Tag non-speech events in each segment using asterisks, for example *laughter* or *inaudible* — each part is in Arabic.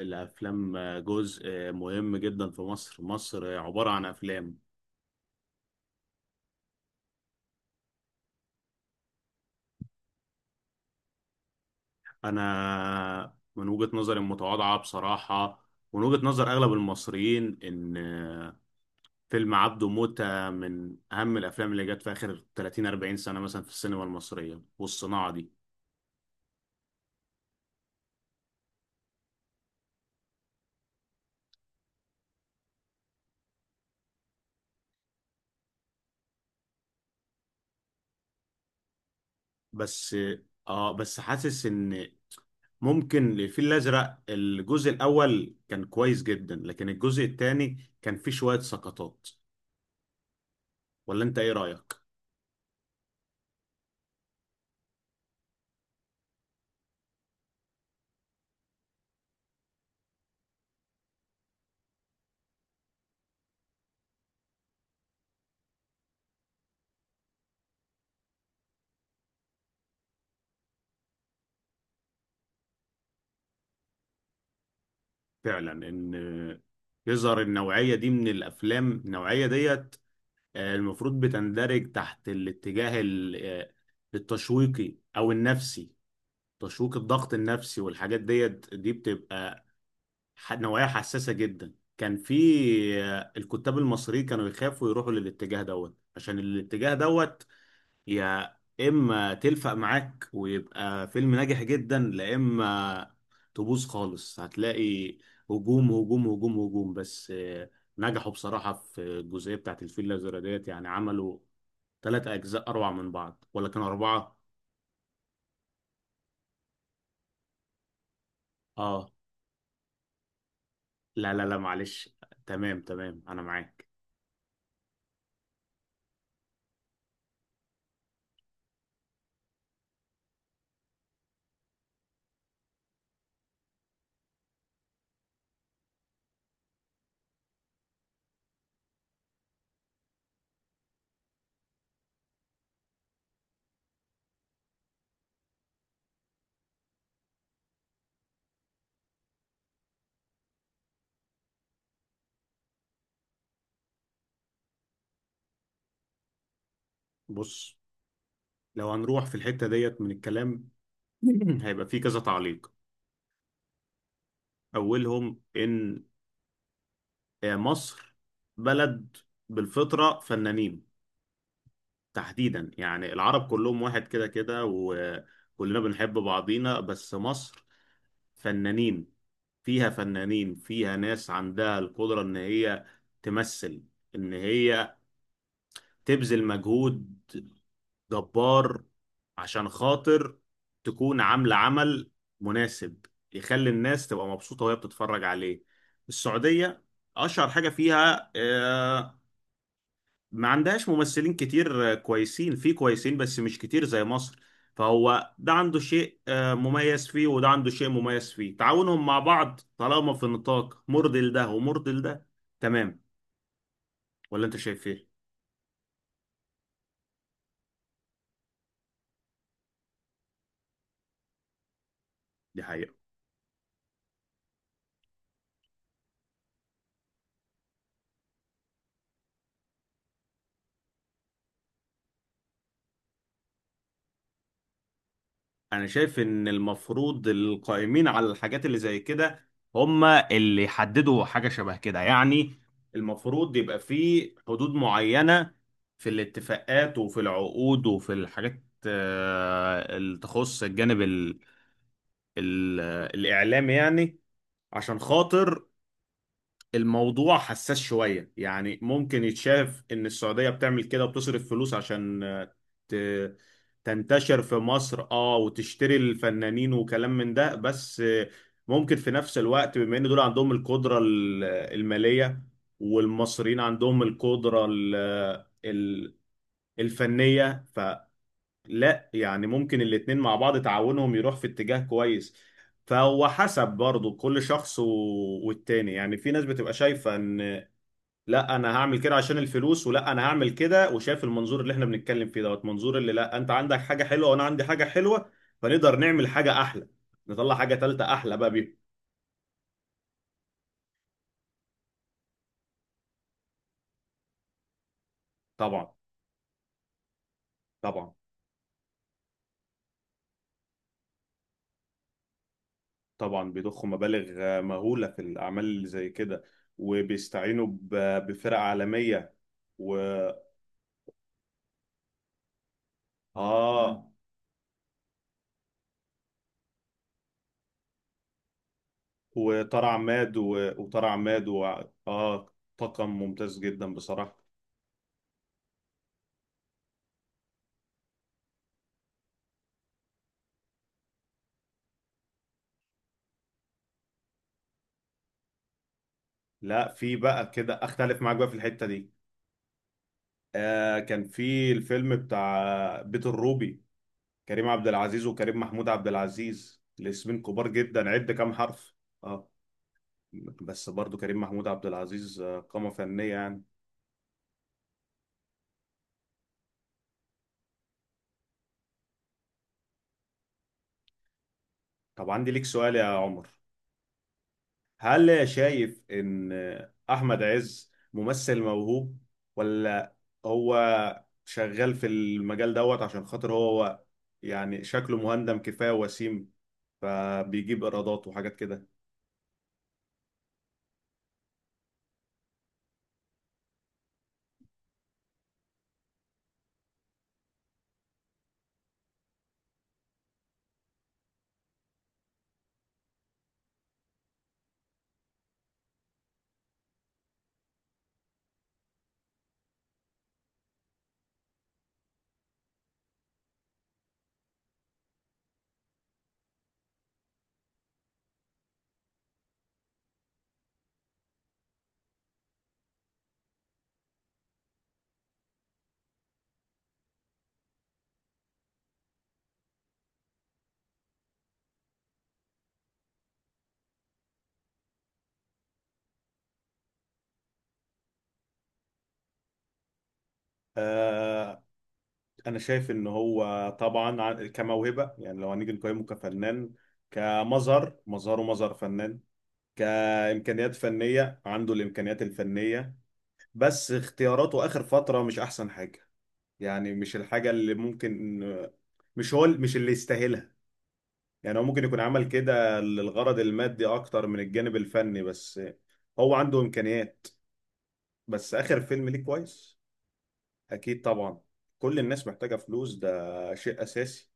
الأفلام جزء مهم جدا في مصر. مصر عبارة عن أفلام. أنا من وجهة نظري المتواضعة بصراحة، ومن وجهة نظر أغلب المصريين، إن فيلم عبده موتة من أهم الأفلام اللي جت في آخر 30 40 سنة مثلا في السينما المصرية والصناعة دي. بس بس حاسس إن ممكن الفيل الأزرق الجزء الأول كان كويس جدا، لكن الجزء الثاني كان فيه شوية سقطات. ولا أنت إيه رأيك؟ فعلا ان يظهر النوعية دي من الافلام، النوعية ديت المفروض بتندرج تحت الاتجاه التشويقي او النفسي. تشويق الضغط النفسي والحاجات ديت دي بتبقى نوعية حساسة جدا. كان في الكتاب المصريين كانوا يخافوا يروحوا للاتجاه دوت، عشان الاتجاه دوت يا اما تلفق معاك ويبقى فيلم ناجح جدا، لا اما تبوظ خالص. هتلاقي هجوم هجوم هجوم هجوم. بس نجحوا بصراحة في الجزئية بتاعت الفيل الأزرق ديت. يعني عملوا ثلاث أجزاء أروع من بعض، ولا كانوا أربعة؟ آه. لا لا لا، معلش. تمام تمام، أنا معاك. بص، لو هنروح في الحتة ديت من الكلام *laughs* هيبقى في كذا تعليق. أولهم إن مصر بلد بالفطرة فنانين، تحديدا يعني العرب كلهم واحد كده كده، وكلنا بنحب بعضينا، بس مصر فنانين، فيها فنانين، فيها ناس عندها القدرة ان هي تمثل، ان هي تبذل مجهود جبار عشان خاطر تكون عاملة عمل مناسب يخلي الناس تبقى مبسوطة وهي بتتفرج عليه. السعودية أشهر حاجة فيها ما عندهاش ممثلين كتير كويسين. في كويسين بس مش كتير زي مصر. فهو ده عنده شيء مميز فيه، وده عنده شيء مميز فيه. تعاونهم مع بعض طالما في نطاق مرضي لده ومرضي لده تمام. ولا انت شايف ايه؟ دي حقيقة. انا شايف ان المفروض القائمين على الحاجات اللي زي كده هم اللي يحددوا حاجة شبه كده يعني. المفروض يبقى في حدود معينة، في الاتفاقات وفي العقود وفي الحاجات اللي تخص الجانب ال الإعلامي يعني. عشان خاطر الموضوع حساس شوية، يعني ممكن يتشاف إن السعودية بتعمل كده وبتصرف فلوس عشان ت- تنتشر في مصر، اه، وتشتري الفنانين وكلام من ده. بس ممكن في نفس الوقت، بما إن دول عندهم القدرة المالية، والمصريين عندهم القدرة ال- الفنية، فلا يعني ممكن الاتنين مع بعض تعاونهم يروح في اتجاه كويس. فهو حسب برضه كل شخص. والتاني يعني في ناس بتبقى شايفة ان لا، انا هعمل كده عشان الفلوس، ولا انا هعمل كده وشايف المنظور اللي احنا بنتكلم فيه دوت، منظور اللي لا انت عندك حاجه حلوه وانا عندي حاجه حلوه، فنقدر نعمل حاجه احلى، نطلع حاجه ثالثه احلى بقى بيهم. طبعا. طبعا. طبعا بيضخوا مبالغ مهوله في الاعمال اللي زي كده، وبيستعينوا بفرق عالميه و اه. وطار عماد. اه. طاقم ممتاز جدا بصراحه. لا، في بقى كده اختلف معاك بقى في الحته دي. كان في الفيلم بتاع بيت الروبي، كريم عبد العزيز وكريم محمود عبد العزيز، الاسمين كبار جدا. عد كام حرف. اه. بس برضو كريم محمود عبد العزيز قامة فنية يعني. طب عندي ليك سؤال يا عمر. هل شايف ان احمد عز ممثل موهوب، ولا هو شغال في المجال دوت عشان خاطر هو يعني شكله مهندم كفاية، وسيم، فبيجيب ايرادات وحاجات كده؟ آه، انا شايف ان هو طبعا كموهبه، يعني لو هنيجي نقيمه كفنان، كمظهر مظهره مظهر فنان، كامكانيات فنيه عنده الامكانيات الفنيه. بس اختياراته اخر فتره مش احسن حاجه. يعني مش الحاجه اللي ممكن، مش هو مش اللي يستاهلها. يعني هو ممكن يكون عمل كده للغرض المادي اكتر من الجانب الفني، بس هو عنده امكانيات. بس اخر فيلم ليه كويس. اكيد طبعا، كل الناس محتاجه فلوس، ده شيء اساسي.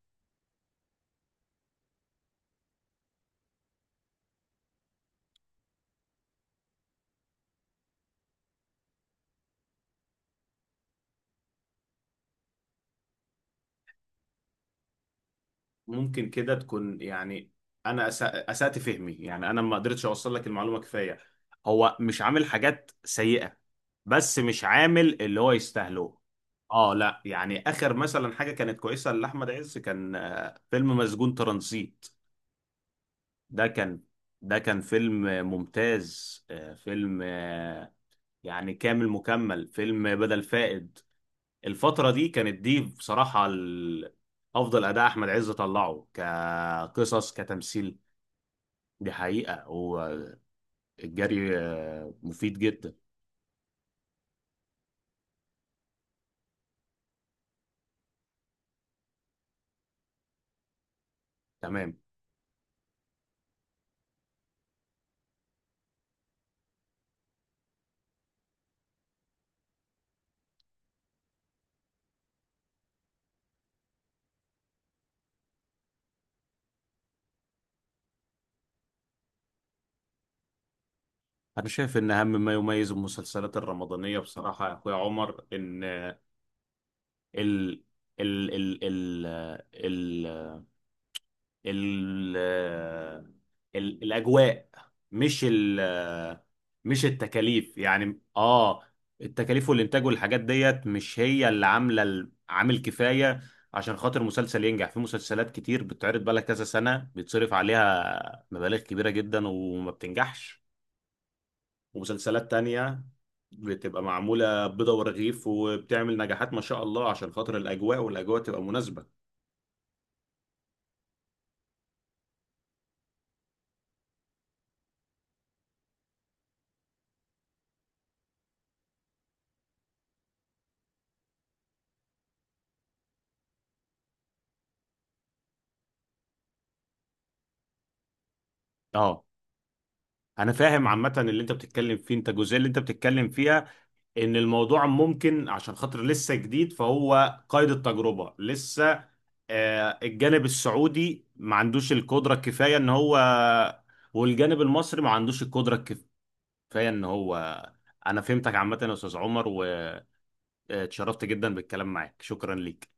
ممكن كده تكون يعني، انا اسأت فهمي، يعني انا ما قدرتش اوصل لك المعلومه كفايه. هو مش عامل حاجات سيئه، بس مش عامل اللي هو يستاهله. اه، لا يعني اخر مثلا حاجه كانت كويسه لاحمد عز كان فيلم مسجون ترانزيت. ده كان ده كان فيلم ممتاز، فيلم يعني كامل مكمل، فيلم بدل فائد. الفترة دي كانت دي بصراحة أفضل أداء أحمد عز طلعه، كقصص كتمثيل. دي حقيقة، والجري. مفيد جدا. تمام. أنا شايف إن أهم ما يميز المسلسلات الرمضانية بصراحة يا أخويا عمر إن ال ال ال ال ال ال الاجواء، مش ال مش التكاليف يعني. اه التكاليف والانتاج والحاجات ديت مش هي اللي عامله عامل كفايه عشان خاطر مسلسل ينجح. في مسلسلات كتير بتتعرض بقالها كذا سنه، بيتصرف عليها مبالغ كبيره جدا، وما بتنجحش. ومسلسلات تانية بتبقى معمولة بيضة ورغيف، وبتعمل نجاحات ما شاء الله، عشان خاطر الأجواء. والأجواء تبقى مناسبة. اه، انا فاهم عامه اللي انت بتتكلم فيه، انت الجزئيه اللي انت بتتكلم فيها ان الموضوع ممكن، عشان خاطر لسه جديد فهو قيد التجربه لسه. الجانب السعودي ما عندوش القدره الكفايه ان هو، والجانب المصري ما عندوش القدره الكفايه ان هو. انا فهمتك عامه يا استاذ عمر، واتشرفت جدا بالكلام معاك، شكرا ليك.